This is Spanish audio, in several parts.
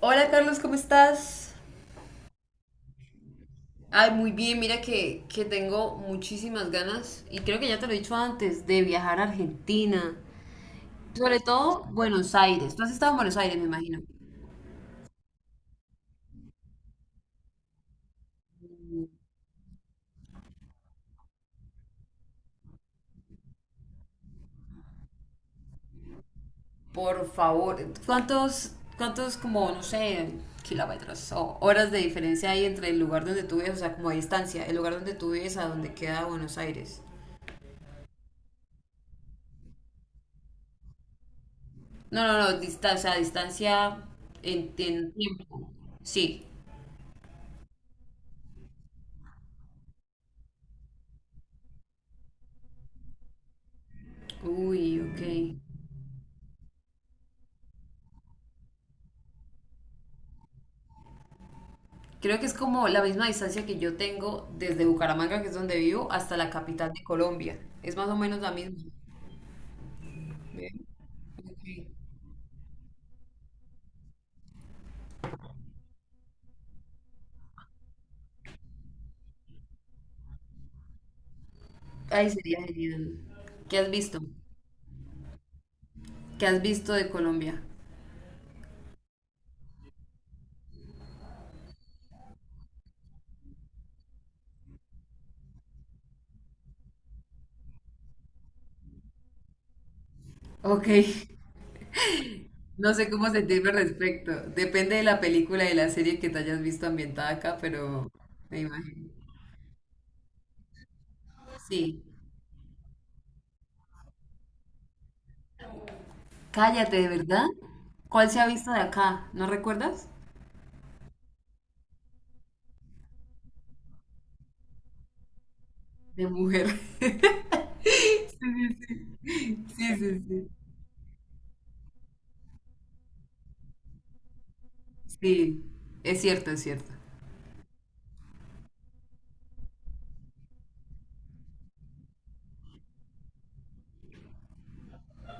Hola Carlos, ¿cómo estás? Ay, muy bien, mira que tengo muchísimas ganas, y creo que ya te lo he dicho antes, de viajar a Argentina. Sobre todo Buenos Aires. Tú has estado en Buenos Aires, me imagino. Por favor, ¿cuántos como, no sé, kilómetros o horas de diferencia hay entre el lugar donde tú vives, o sea, como de distancia, el lugar donde tú vives a donde queda Buenos Aires? No, no, no, distancia, o sea, distancia en tiempo. Sí. Uy, ok. Creo que es como la misma distancia que yo tengo desde Bucaramanga, que es donde vivo, hasta la capital de Colombia. Es más o menos la misma. Ve. Ok. Ay, sería genial. ¿Qué has visto? ¿Qué has visto de Colombia? Ok. No sé cómo sentirme al respecto. Depende de la película y la serie que te hayas visto ambientada acá, pero me imagino. Sí. Cállate, ¿de verdad? ¿Cuál se ha visto de acá? ¿No recuerdas? De mujer. Sí, sí, sí. Sí, sí, sí. Sí, es cierto, es cierto.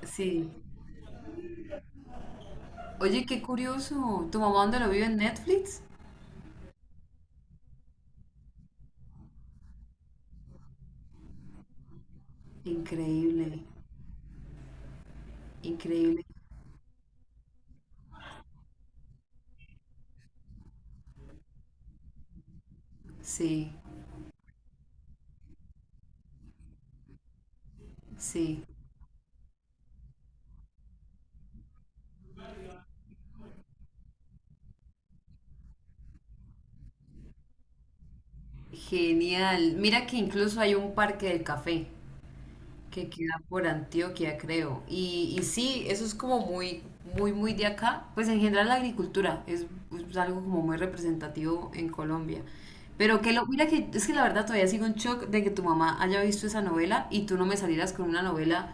Sí. Oye, qué curioso. ¿Tu mamá dónde lo vio en Netflix? Increíble, increíble. Sí, sí. Genial. Mira que incluso hay un parque del café que queda por Antioquia, creo. Y sí, eso es como muy, muy, muy de acá. Pues en general la agricultura es algo como muy representativo en Colombia. Pero que lo, mira que es que la verdad todavía sigo en shock de que tu mamá haya visto esa novela y tú no me salieras con una novela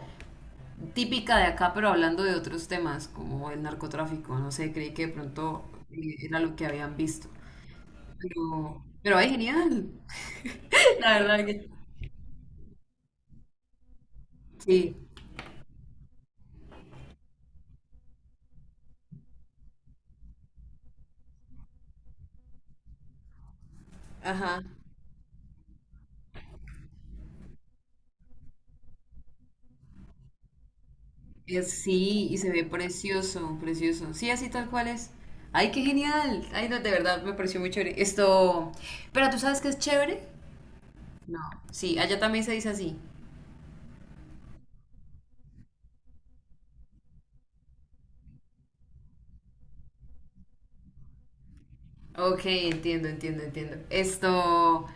típica de acá, pero hablando de otros temas, como el narcotráfico, no sé, creí que de pronto era lo que habían visto. Pero ay, genial. La verdad que sí. Ajá. Es, sí, y se ve precioso, precioso. Sí, así tal cual es. Ay, qué genial. Ay, no, de verdad, me pareció muy chévere. Esto. Pero tú sabes que es chévere. No, sí, allá también se dice así. Ok, entiendo, entiendo, entiendo. Esto.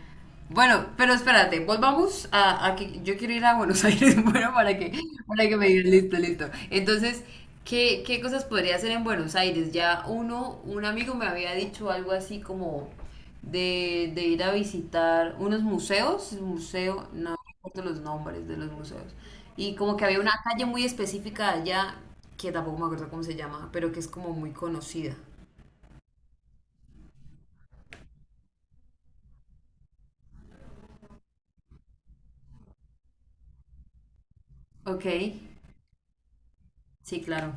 Bueno, pero espérate, volvamos a que yo quiero ir a Buenos Aires, bueno, para que me digan, listo, listo. Entonces, ¿qué cosas podría hacer en Buenos Aires? Ya uno, un amigo me había dicho algo así como de ir a visitar unos museos, museo, no recuerdo los nombres de los museos, y como que había una calle muy específica allá, que tampoco me acuerdo cómo se llama, pero que es como muy conocida. Ok. Sí, claro.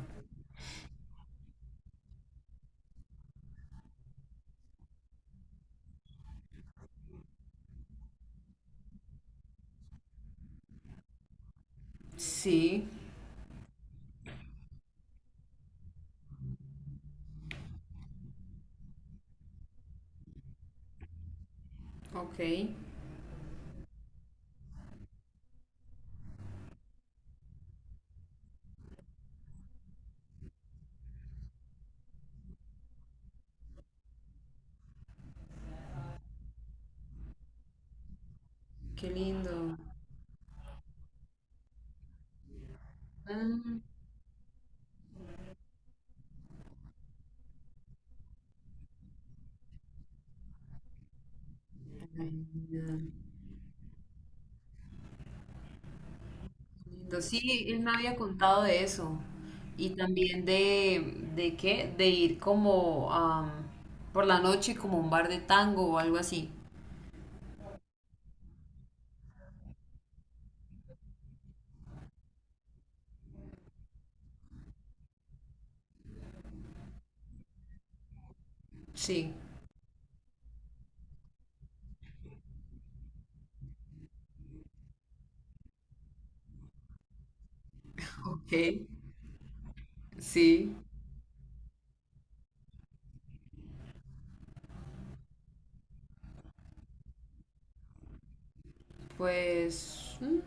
Sí, ok. Qué lindo. Ah, lindo. Sí, él me había contado de eso. Y también ¿de qué? De ir como por la noche como a un bar de tango o algo así. Sí. Ok. Sí. Pues...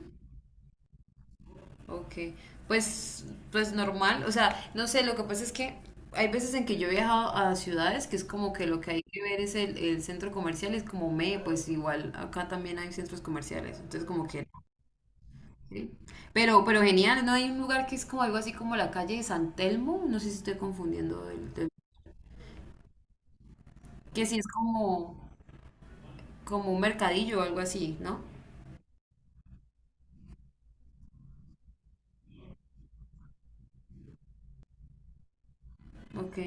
ok, pues, pues normal, o sea, no sé, lo que pasa es que hay veces en que yo he viajado a ciudades que es como que lo que hay que ver es el centro comercial, es como me, pues igual acá también hay centros comerciales, entonces como que, sí. Pero genial, ¿no? Hay un lugar que es como algo así como la calle de San Telmo, no sé si estoy confundiendo, el, tel- que sí es como, como un mercadillo o algo así, ¿no? Ok,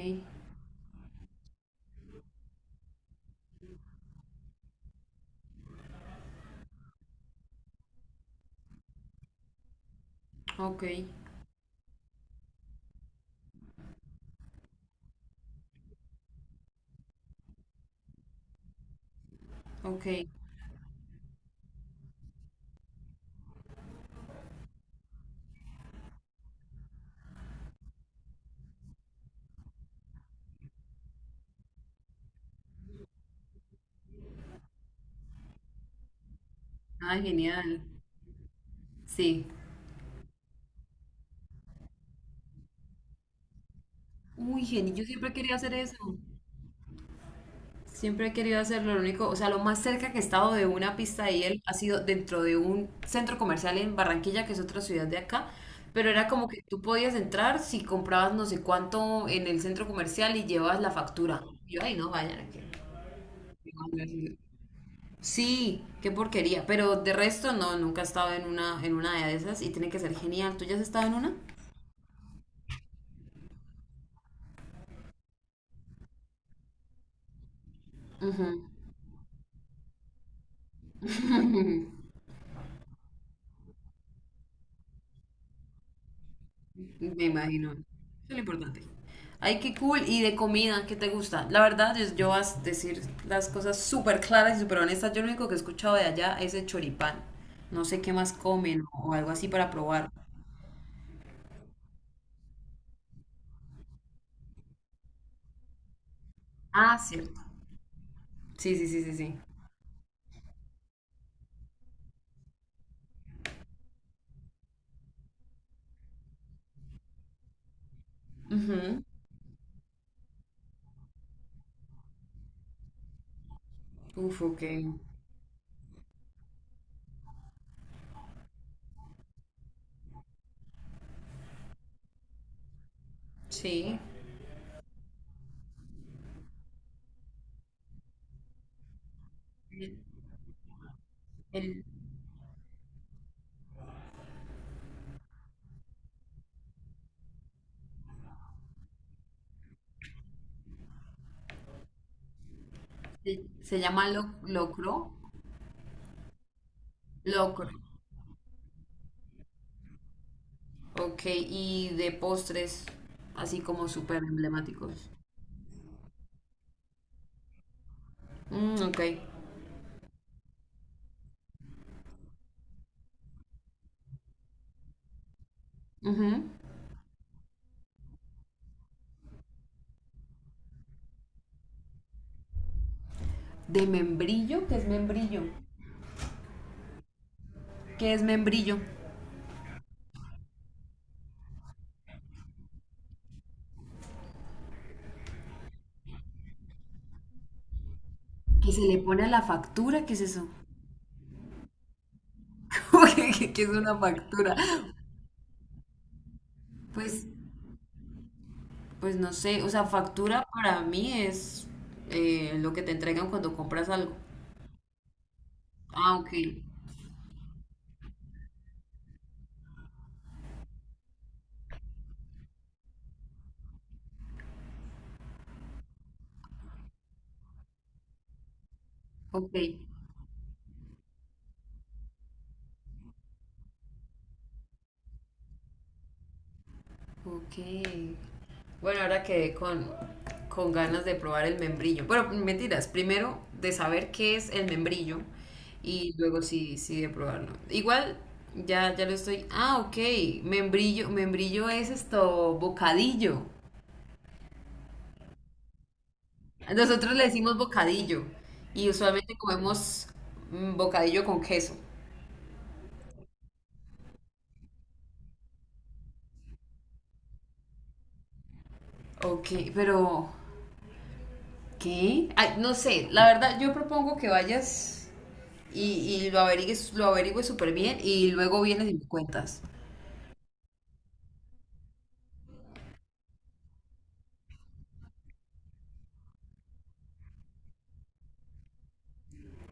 ok, ok, ah, genial, sí. Uy, genial, yo siempre quería hacer eso. Siempre he querido hacerlo, lo único, o sea, lo más cerca que he estado de una pista de hielo ha sido dentro de un centro comercial en Barranquilla, que es otra ciudad de acá, pero era como que tú podías entrar si comprabas no sé cuánto en el centro comercial y llevabas la factura. Yo, ay, no, vayan que- Sí, qué porquería, pero de resto no, nunca he estado en una de esas y tiene que ser genial. ¿Tú ya has estado en una? Me imagino. Eso es lo importante. Ay, qué cool. ¿Y de comida? ¿Qué te gusta? La verdad, yo voy a decir las cosas súper claras y súper honestas. Yo lo único que he escuchado de allá es el choripán. No sé qué más comen o algo así para probar. Ah, cierto. Sí, sí, sí, sí, sí. Ujú. Uf, ok. Sí. El, el- se llama lo- locro. Locro. Ok, y de postres, así como súper emblemáticos. Mm, ok. Ujú. De membrillo, ¿qué es membrillo? ¿Qué es membrillo? Que se le pone a la factura, ¿qué es eso? ¿Cómo que es una factura? Pues, pues no sé, o sea, factura para mí es lo que te entregan cuando compras algo. Ah, ok, ok. Ok. Bueno, ahora quedé con ganas de probar el membrillo. Bueno, mentiras, primero de saber qué es el membrillo y luego sí, sí de probarlo. Igual, ya, ya lo estoy. Ah, ok. Membrillo, membrillo es esto, bocadillo. Nosotros le decimos bocadillo y usualmente comemos mm, bocadillo con queso. Ok, pero ¿qué? Ay, no sé, la verdad yo propongo que vayas y lo averigues, lo averigües súper bien y luego vienes y me cuentas.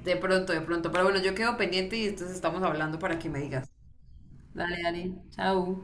De pronto, de pronto. Pero bueno, yo quedo pendiente y entonces estamos hablando para que me digas. Dale, dale. Chao.